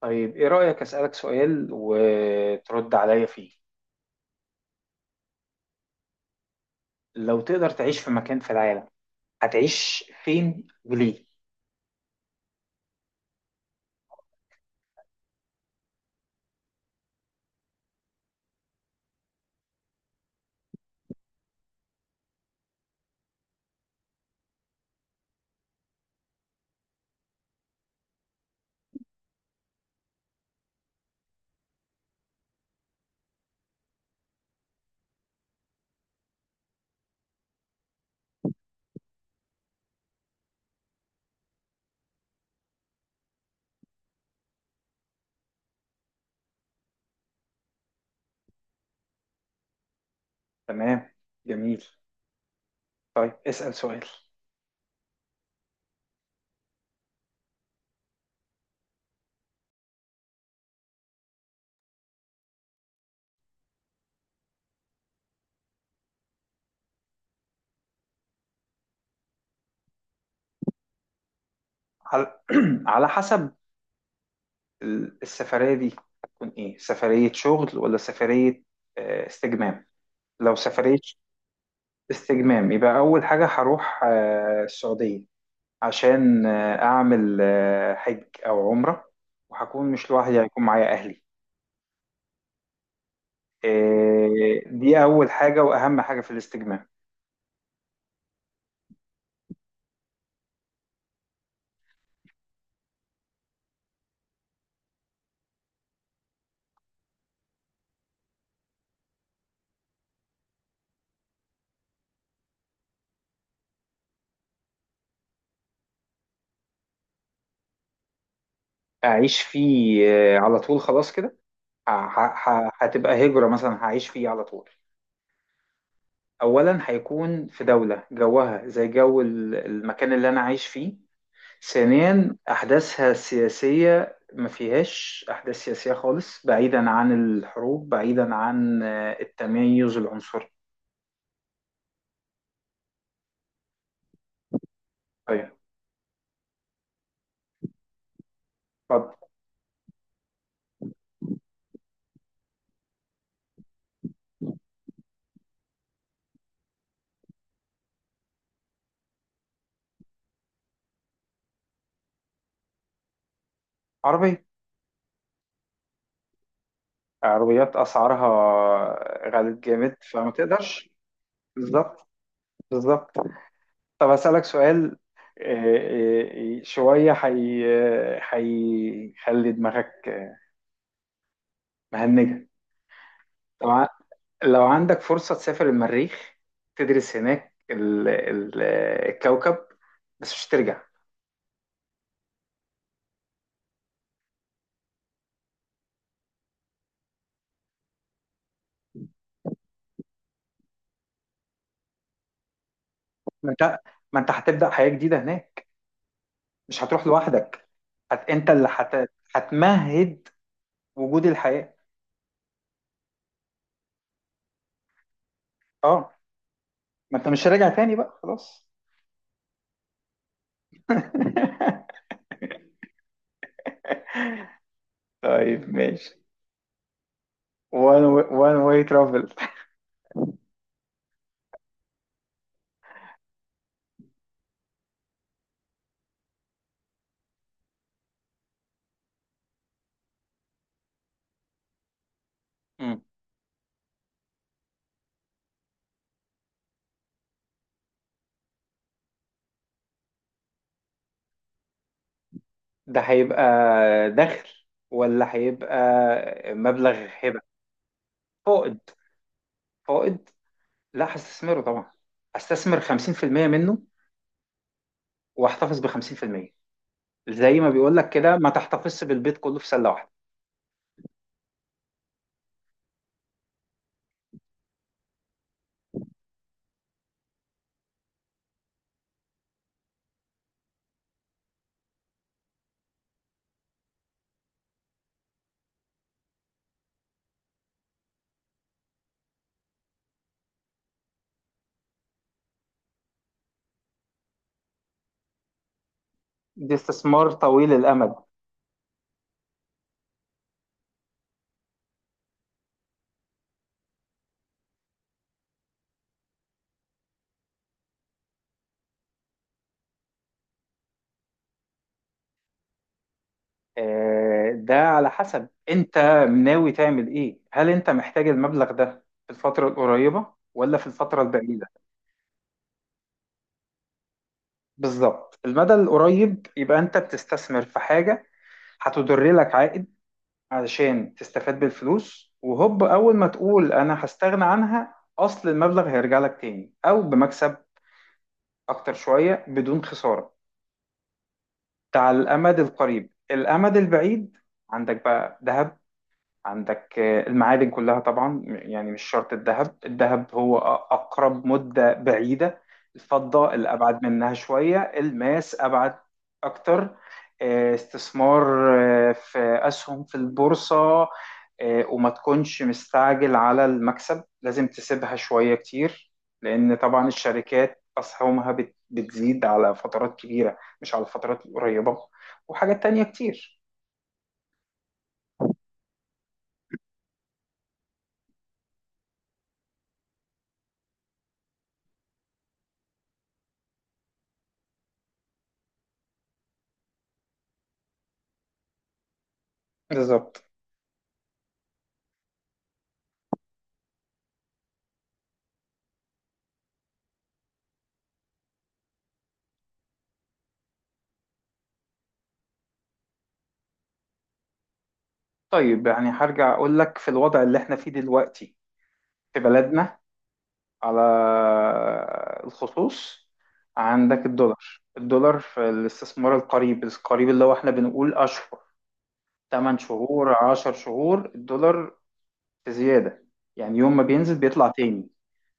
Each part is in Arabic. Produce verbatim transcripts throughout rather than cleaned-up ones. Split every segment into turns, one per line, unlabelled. طيب إيه رأيك أسألك سؤال وترد عليا فيه. لو تقدر تعيش في مكان في العالم هتعيش فين وليه؟ تمام. جميل. طيب اسأل سؤال. على، على حسب ال- السفرية دي هتكون إيه، سفرية شغل ولا سفرية آه، استجمام؟ لو سفرية استجمام يبقى أول حاجة هروح آه، السعودية، عشان آه، أعمل آه، حج أو عمرة. وهكون مش لوحدي، هيكون معايا أهلي. آه، دي أول حاجة وأهم حاجة في الاستجمام. أعيش فيه آه، على طول خلاص كده. ه- ه- ه- هتبقى هجرة مثلا، هعيش فيه على طول. أولا هيكون في دولة جوها زي جو ال- المكان اللي أنا عايش فيه. ثانيا أحداثها السياسية ما فيهاش أحداث سياسية خالص، بعيدا عن الحروب، بعيدا عن آه، التميز العنصري. طيب اتفضل. عربية. عربيات أسعارها غالت جامد فما تقدرش. بالظبط، بالظبط. طب أسألك سؤال آه، آه، شوية حي، هيخلي دماغك آه، مهنجة. لو ع- لو عندك فرصة تسافر المريخ، تدرس هناك ال- ال- الكوكب، بس مش ترجع. ما انت، ما انت هتبدأ حياة جديدة هناك. مش هتروح لوحدك، هت... انت اللي هت... هتمهد وجود الحياة. اه. ما انت مش راجع تاني بقى خلاص. طيب ماشي. one way, one way travel. ده هيبقى دخل ولا هيبقى مبلغ هبة؟ فائض. فائض. لا هستثمره طبعا، هستثمر خمسين في المية منه واحتفظ ب خمسين في المية. زي ما بيقول لك كده، ما تحتفظش بالبيت كله في سلة واحدة. ده استثمار طويل الأمد. آه، ده على حسب انت ناوي تعمل ايه، هل انت محتاج المبلغ ده في الفترة القريبة ولا في الفترة البعيدة؟ بالظبط. المدى القريب يبقى انت بتستثمر في حاجة هتدر لك عائد، علشان تستفاد بالفلوس وهوب اول ما تقول انا هستغنى عنها اصل المبلغ هيرجع لك تاني او بمكسب اكتر شوية بدون خسارة. ده على الامد القريب. الامد البعيد عندك بقى ذهب، عندك آه، المعادن كلها طبعا، يعني مش شرط الذهب. الذهب هو أ- أقرب مدة بعيدة، الفضة اللي أبعد منها شوية، الماس أبعد أكتر. آه، استثمار آه، في أسهم في البورصة، آه، وما تكونش مستعجل على المكسب، لازم تسيبها شوية كتير، لأن طبعا الشركات أسهمها بت- بتزيد على فترات كبيرة مش على فترات قريبة. وحاجات تانية كتير. بالظبط. طيب يعني هرجع أقول لك في الوضع اللي احنا فيه دلوقتي في بلدنا على الخصوص. عندك الدولار. الدولار في الاستثمار القريب القريب اللي هو احنا بنقول أشهر، ثمانية شهور، عشر شهور، الدولار في زيادة، يعني يوم ما بينزل بيطلع تاني.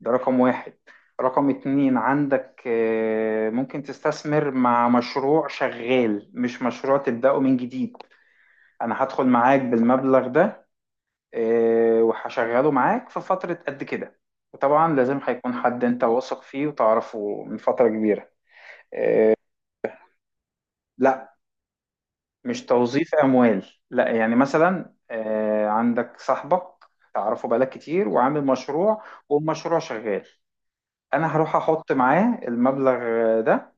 ده رقم واحد. رقم اتنين عندك آه، ممكن تستثمر مع مشروع شغال، مش مشروع تبدأه من جديد. أنا هدخل معاك بالمبلغ ده، آه، وهشغله معاك في فترة قد كده. وطبعا لازم هيكون حد انت واثق فيه وتعرفه من فترة كبيرة. لا مش توظيف اموال. لا يعني مثلا آه، عندك صاحبك تعرفه بقالك كتير وعامل مشروع، والمشروع شغال. انا هروح احط معاه المبلغ ده،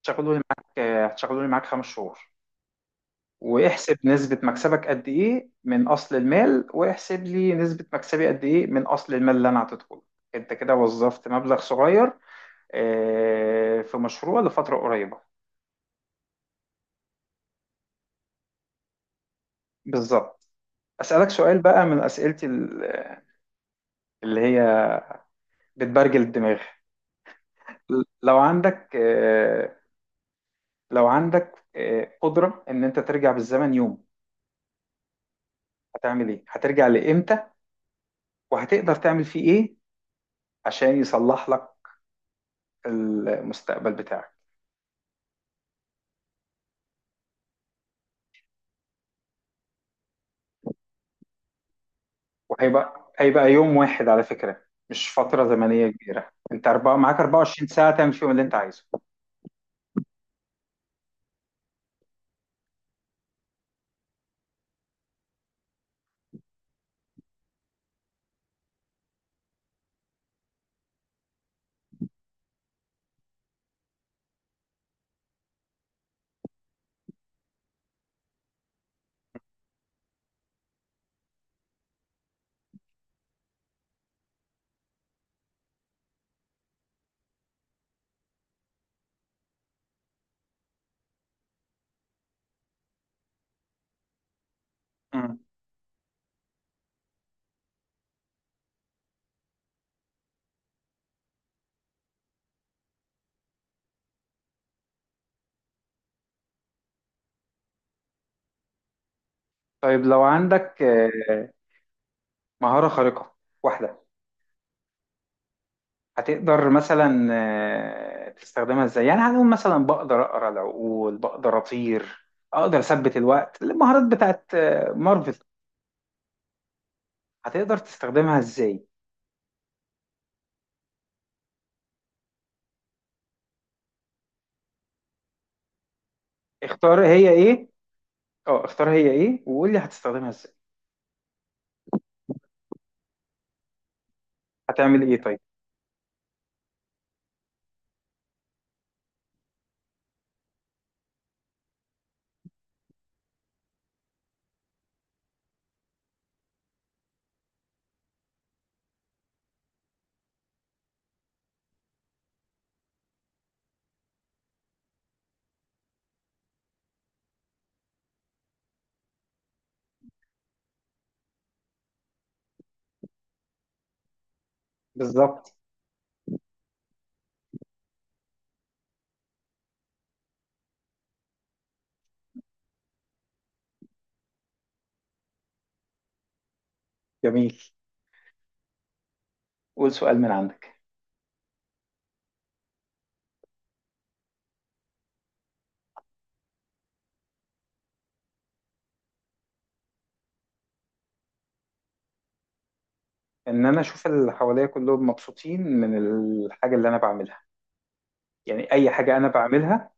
هتشغله لي معاك آه، هتشغله لي معاك خمس شهور. واحسب نسبة مكسبك قد ايه من اصل المال، واحسب لي نسبة مكسبي قد ايه من اصل المال اللي انا هتدخله. انت كده وظفت مبلغ صغير آه، في مشروع لفترة قريبة. بالظبط. أسألك سؤال بقى من أسئلتي ال- اللي هي بتبرجل الدماغ. لو عندك آه، لو عندك آه، قدرة إن أنت ترجع بالزمن يوم، هتعمل إيه؟ هترجع لإمتى؟ وهتقدر تعمل فيه إيه عشان يصلح لك المستقبل بتاعك؟ وهيبقى هيبقى يوم واحد على فكرة، مش فترة زمنية كبيرة. أنت أربعة معاك اربعة وعشرين ساعة تعمل فيهم اللي أنت عايزه. مم. طيب لو عندك آه، مهارة خارقة واحدة، هتقدر مثلا آه، تستخدمها ازاي؟ يعني هنقول مثلا بقدر اقرا العقول، بقدر اطير، اقدر اثبت الوقت، المهارات بتاعت آه، مارفل. هتقدر تستخدمها ازاي؟ اختار هي ايه. اه، اختار هي ايه وقول لي هتستخدمها ازاي. هتعمل ايه طيب؟ بالظبط. جميل. قول سؤال من عندك. ان انا اشوف اللي حواليا كلهم مبسوطين من الحاجه اللي انا بعملها. يعني اي حاجه انا بعملها،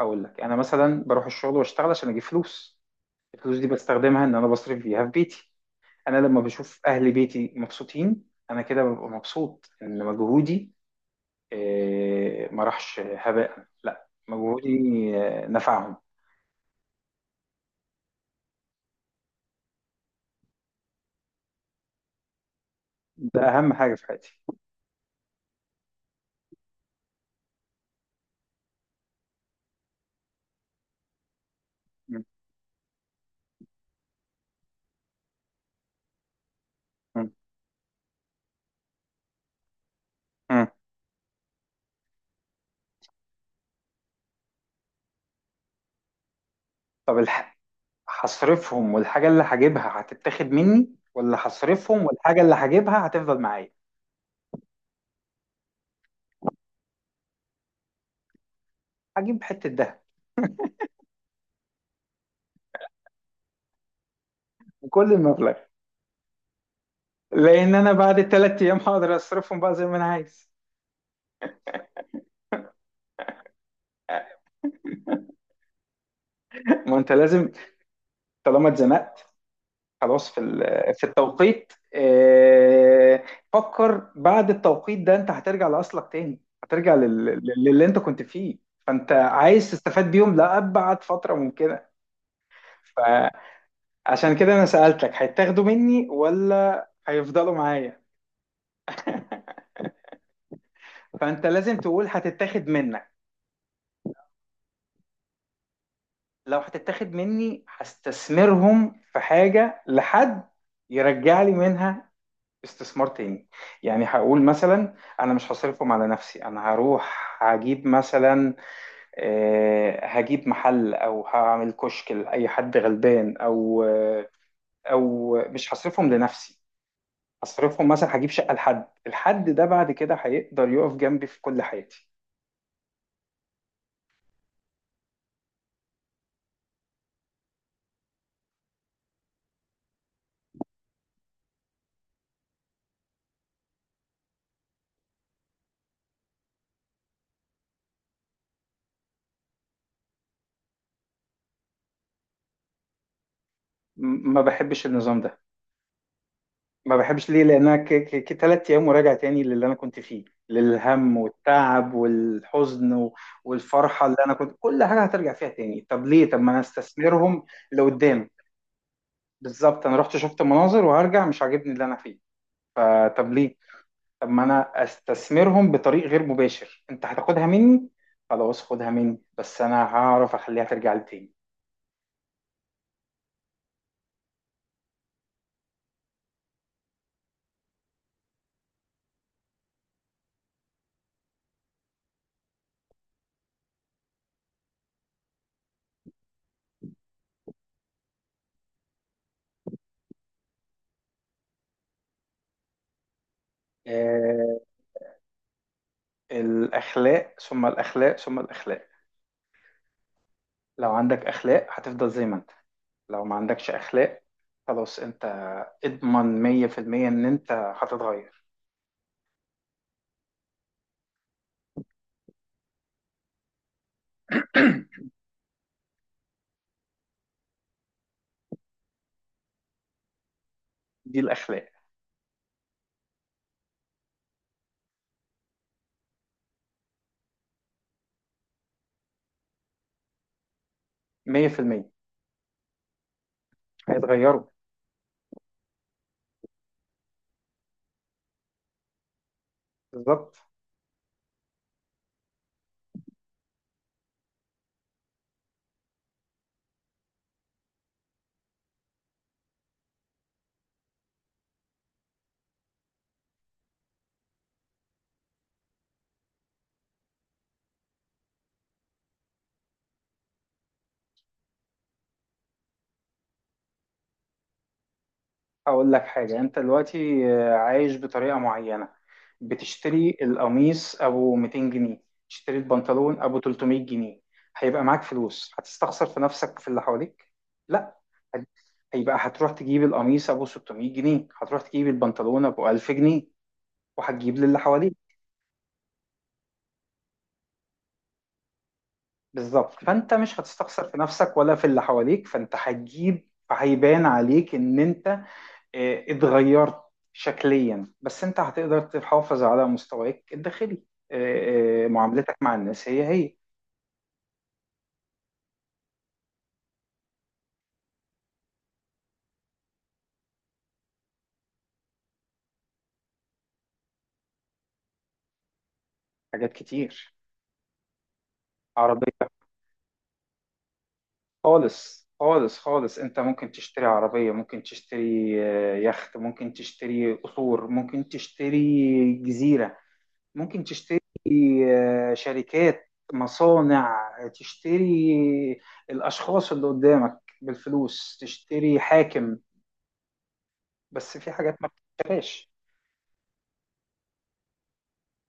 هقول لك انا مثلا بروح الشغل واشتغل عشان اجيب فلوس. الفلوس دي بستخدمها ان انا بصرف بيها في بيتي. انا لما بشوف اهل بيتي مبسوطين، انا كده ببقى مبسوط ان مجهودي آه، ما راحش هباء، لا مجهودي آه، نفعهم. ده اهم حاجه في حياتي. م- م- م. طب الح... هصرفهم والحاجه اللي هجيبها هتتاخد مني، ولا هصرفهم والحاجه اللي هجيبها هتفضل معايا؟ هجيب حته دهب، وكل المبلغ. لان انا بعد الثلاث ايام هقدر اصرفهم بقى زي ما انا عايز. ما انت لازم، طالما اتزنقت خلاص في ال- آه، في التوقيت، آه، فكر بعد التوقيت ده انت هترجع لاصلك تاني، هترجع لل- لل- للي انت كنت فيه. فانت عايز تستفاد بيهم لأبعد فترة ممكنة. فعشان كده انا سألتك هيتاخدوا مني ولا هيفضلوا معايا؟ فانت لازم تقول هتتاخد منك. لو هتتاخد مني هستثمرهم في حاجة لحد يرجع لي منها استثمار تاني. يعني هقول مثلا انا مش هصرفهم على نفسي، انا هروح هجيب مثلا آه، هجيب محل او هعمل كشك لاي حد غلبان، او آه، او مش هصرفهم لنفسي، هصرفهم مثلا هجيب شقة لحد، الحد ده بعد كده هيقدر يقف جنبي في كل حياتي. م- ما بحبش النظام ده. ما بحبش ليه؟ لانها ك... ك... ك- تلات ايام وراجع تاني للي انا كنت فيه، للهم والتعب والحزن و... والفرحه، اللي انا كنت كل حاجه هترجع فيها تاني. طب ليه؟ طب ما انا استثمرهم لقدام. بالظبط، انا رحت شفت مناظر وهرجع مش عاجبني اللي انا فيه، فطب ليه؟ طب ما انا استثمرهم بطريق غير مباشر. انت هتاخدها مني، خلاص خدها مني، بس انا هعرف اخليها ترجع لي تاني. آه، الاخلاق ثم الاخلاق ثم الاخلاق. لو عندك اخلاق هتفضل زي ما انت. لو ما عندكش اخلاق خلاص، انت اضمن مية في المية ان انت هتتغير. دي الاخلاق. مية في المية هيتغيروا. بالظبط. اقول لك حاجه، انت دلوقتي آه، عايش بطريقه معينه، بتشتري القميص ابو ميتين جنيه، تشتري البنطلون ابو تلتمية جنيه. هيبقى معاك فلوس هتستخسر في نفسك في اللي حواليك؟ لا. هت- هيبقى هتروح تجيب القميص ابو ستمية جنيه، هتروح تجيب البنطلون ابو ألف جنيه، وهتجيب للي حواليك. بالظبط، فانت مش هتستخسر في نفسك ولا في اللي حواليك، فانت هتجيب، هيبان عليك ان انت آه، اتغيرت شكليا، بس انت هتقدر تحافظ على مستواك الداخلي. آه، آه، معاملتك مع الناس هي هي. حاجات كتير. عربية. خالص خالص خالص، انت ممكن تشتري عربية، ممكن تشتري آه، يخت، ممكن تشتري قصور، ممكن تشتري جزيرة، ممكن تشتري آه، شركات، مصانع، تشتري الأشخاص اللي قدامك بالفلوس، تشتري حاكم. بس في حاجات ما بتشتريش.